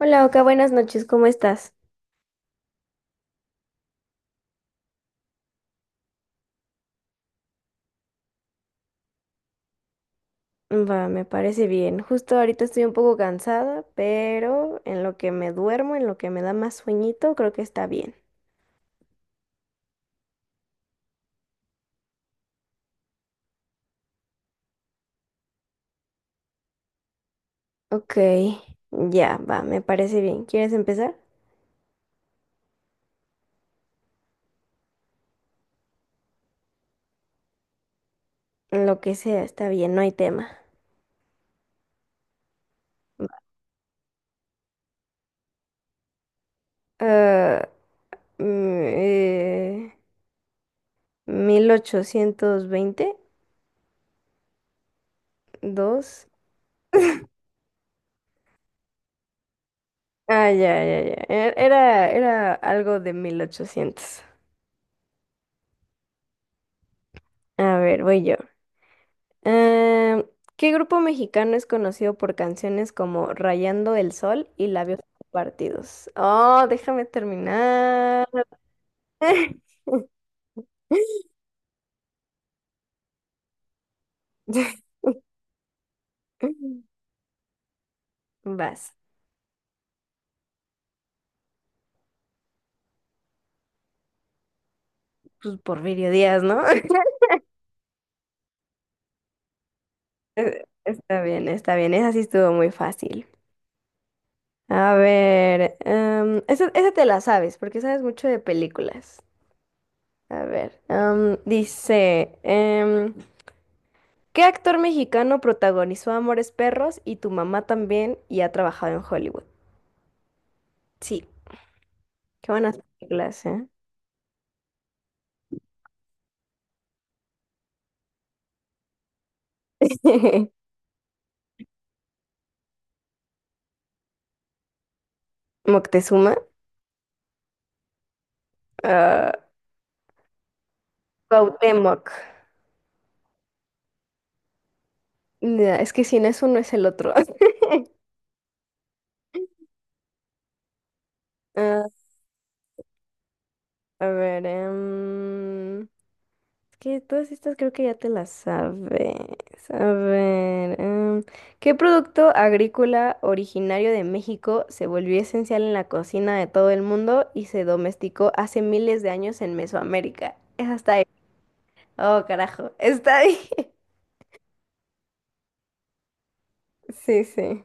Hola, Oka, buenas noches, ¿cómo estás? Va, me parece bien. Justo ahorita estoy un poco cansada, pero en lo que me duermo, en lo que me da más sueñito, creo que está bien. Ok, ya, va, me parece bien. ¿Quieres empezar? Lo que sea, está bien, no hay tema. Va. Ah, mm, eh, 1822. Ah, ya, ya, ya. Era algo de 1800. A ver, voy yo. Eh, ¿Qué grupo mexicano es conocido por canciones como Rayando el Sol y Labios Partidos? Oh, déjame terminar. Vas. Pues Porfirio Díaz, ¿no? Está bien, está bien. Esa sí estuvo muy fácil. A ver, esa te la sabes, porque sabes mucho de películas. A ver, dice, ¿qué actor mexicano protagonizó Amores Perros y Tu Mamá También y ha trabajado en Hollywood? Sí, qué buenas películas, ¿eh? Moctezuma, ah, Cuauhtémoc. Ya, es que si no es uno es el otro. Ah, a ver, que todas estas creo que ya te las sabes. A ver, ¿qué producto agrícola originario de México se volvió esencial en la cocina de todo el mundo y se domesticó hace miles de años en Mesoamérica? Esa está ahí. Oh, carajo, está ahí. Sí, sí.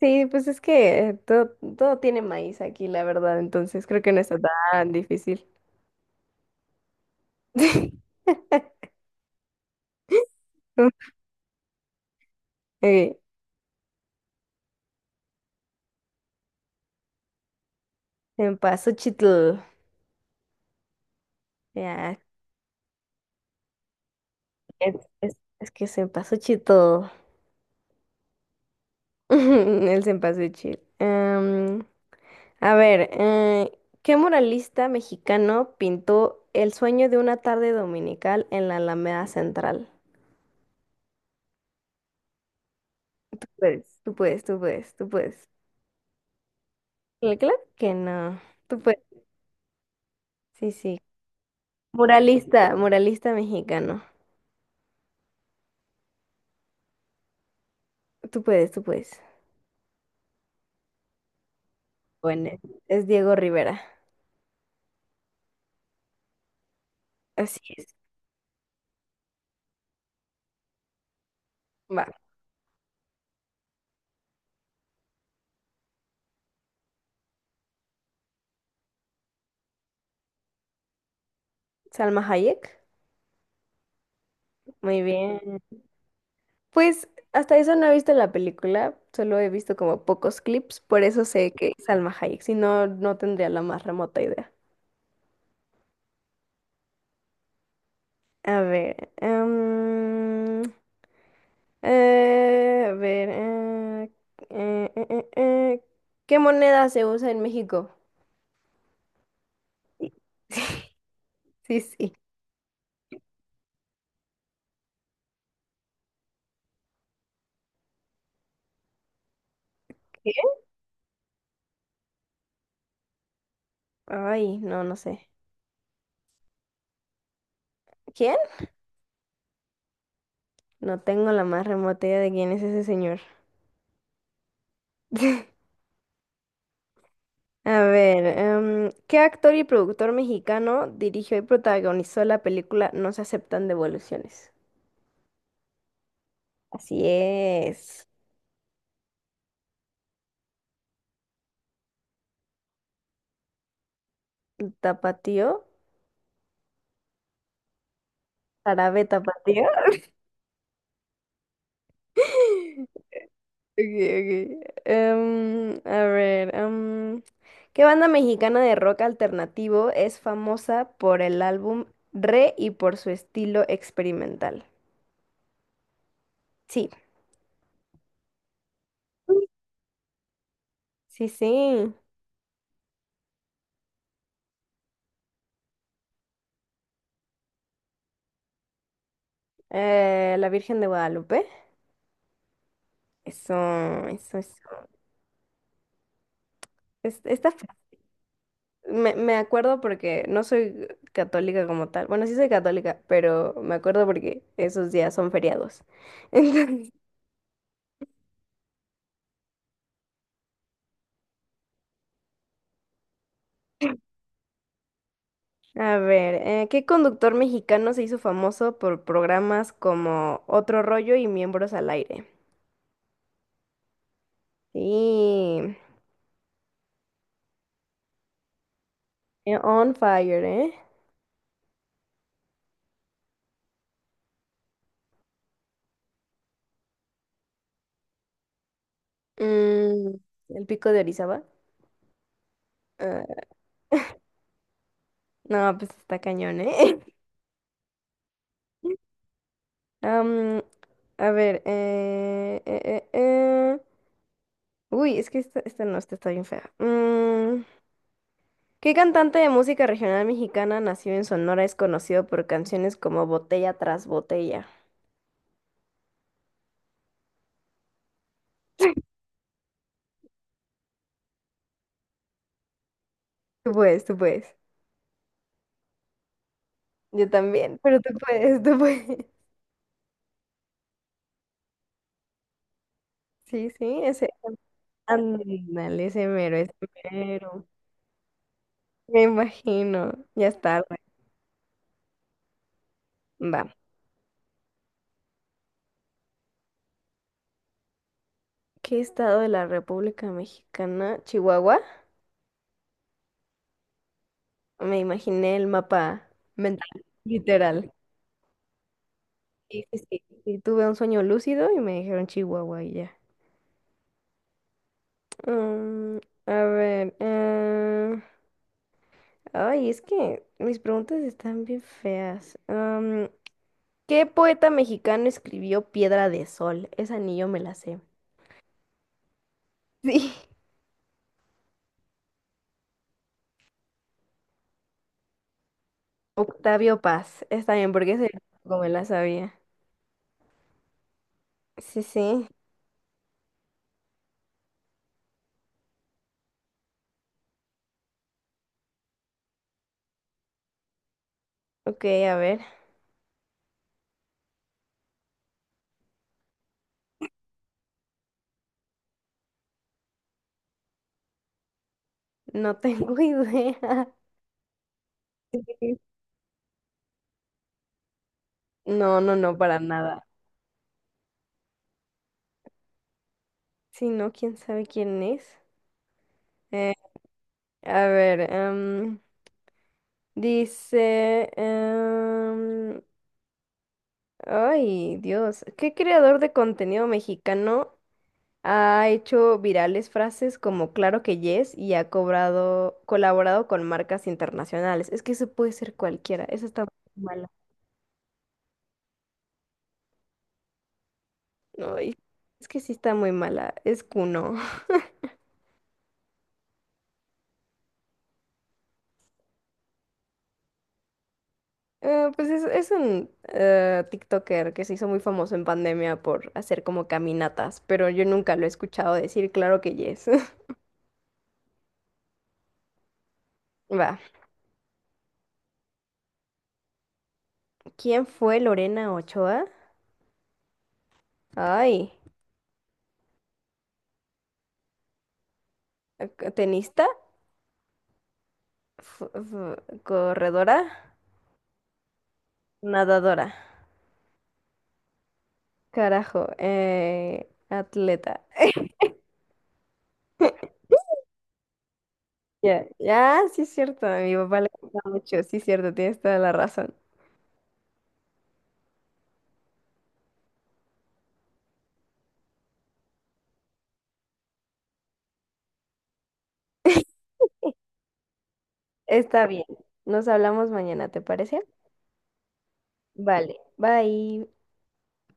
Sí, pues es que todo tiene maíz aquí, la verdad, entonces creo que no está tan difícil. Ok, en Chitl. Ya, Es, es, es que Senpasuchi todo. El Senpasuchi. A ver, ¿qué muralista mexicano pintó El Sueño de una Tarde Dominical en la Alameda Central? Puedes. Tú puedes, tú puedes, tú puedes. Claro que no. Tú puedes. Sí, sí. Muralista, muralista mexicano. Tú puedes, tú puedes. Bueno, es Diego Rivera. Así es. Va. Salma Hayek. Muy bien. Pues hasta eso no he visto la película, solo he visto como pocos clips, por eso sé que es Salma Hayek, si no, no tendría la más remota idea. A ver, eh, a ver, eh, eh, eh, eh, eh, ¿qué moneda se usa en México? Sí, sí. ¿Qué? Ay, no, no sé. ¿Quién? No tengo la más remota idea de quién es ese señor. A ver, ¿qué actor y productor mexicano dirigió y protagonizó la película No Se Aceptan Devoluciones? Así es. ¿Tapatío? ¿Árabe tapatío? Okay, ok. A ver, ¿qué banda mexicana de rock alternativo es famosa por el álbum Re y por su estilo experimental? Sí, sí, sí. La Virgen de Guadalupe. Eso, eso, eso. Es- Está Me acuerdo porque no soy católica como tal. Bueno, sí soy católica, pero me acuerdo porque esos días son feriados. Entonces, a ver, ¿qué conductor mexicano se hizo famoso por programas como Otro Rollo y Miembros al Aire? Sí, on fire, ¿eh? Mm, ¿El pico de Orizaba? Ah, no, pues está cañón, ¿eh? Am, a ver. Uy, es que esta no, esta está bien fea. ¿Qué cantante de música regional mexicana nació en Sonora es conocido por canciones como Botella tras Botella? Tú puedes, tú puedes. Yo también, pero tú puedes, tú puedes. Sí, sí, ese. Ándale, ese mero, ese mero. Me imagino. Ya está. Va. ¿Qué estado de la República Mexicana? ¿Chihuahua? Me imaginé el mapa mental, literal. Sí, sí, sí. Y tuve un sueño lúcido y me dijeron Chihuahua y ya. Mm, a ver. Ay, es que mis preguntas están bien feas. ¿Qué poeta mexicano escribió Piedra de Sol? Esa ni yo me la sé. Sí. Octavio Paz. Está bien, porque ese tampoco me la sabía. Sí, sí. Ok, a ver. No tengo idea. No, no, no, para nada. Si no, quién sabe quién es. Eh, a ver, dice. Ay, Dios. ¿Qué creador de contenido mexicano ha hecho virales frases como claro que yes y ha colaborado con marcas internacionales? Es que eso puede ser cualquiera. Esa está muy mala. No, es que sí está muy mala. Es Kuno. Pues es un TikToker que se hizo muy famoso en pandemia por hacer como caminatas, pero yo nunca lo he escuchado decir claro que yes. Va. ¿Quién fue Lorena Ochoa? Ay, ¿tenista? F- f- ¿Corredora? Nadadora. Carajo, atleta. Ya, ya, sí es cierto, a mi papá le gusta mucho, sí es cierto, tienes toda la razón. Está bien, nos hablamos mañana, ¿te parece? Vale, bye.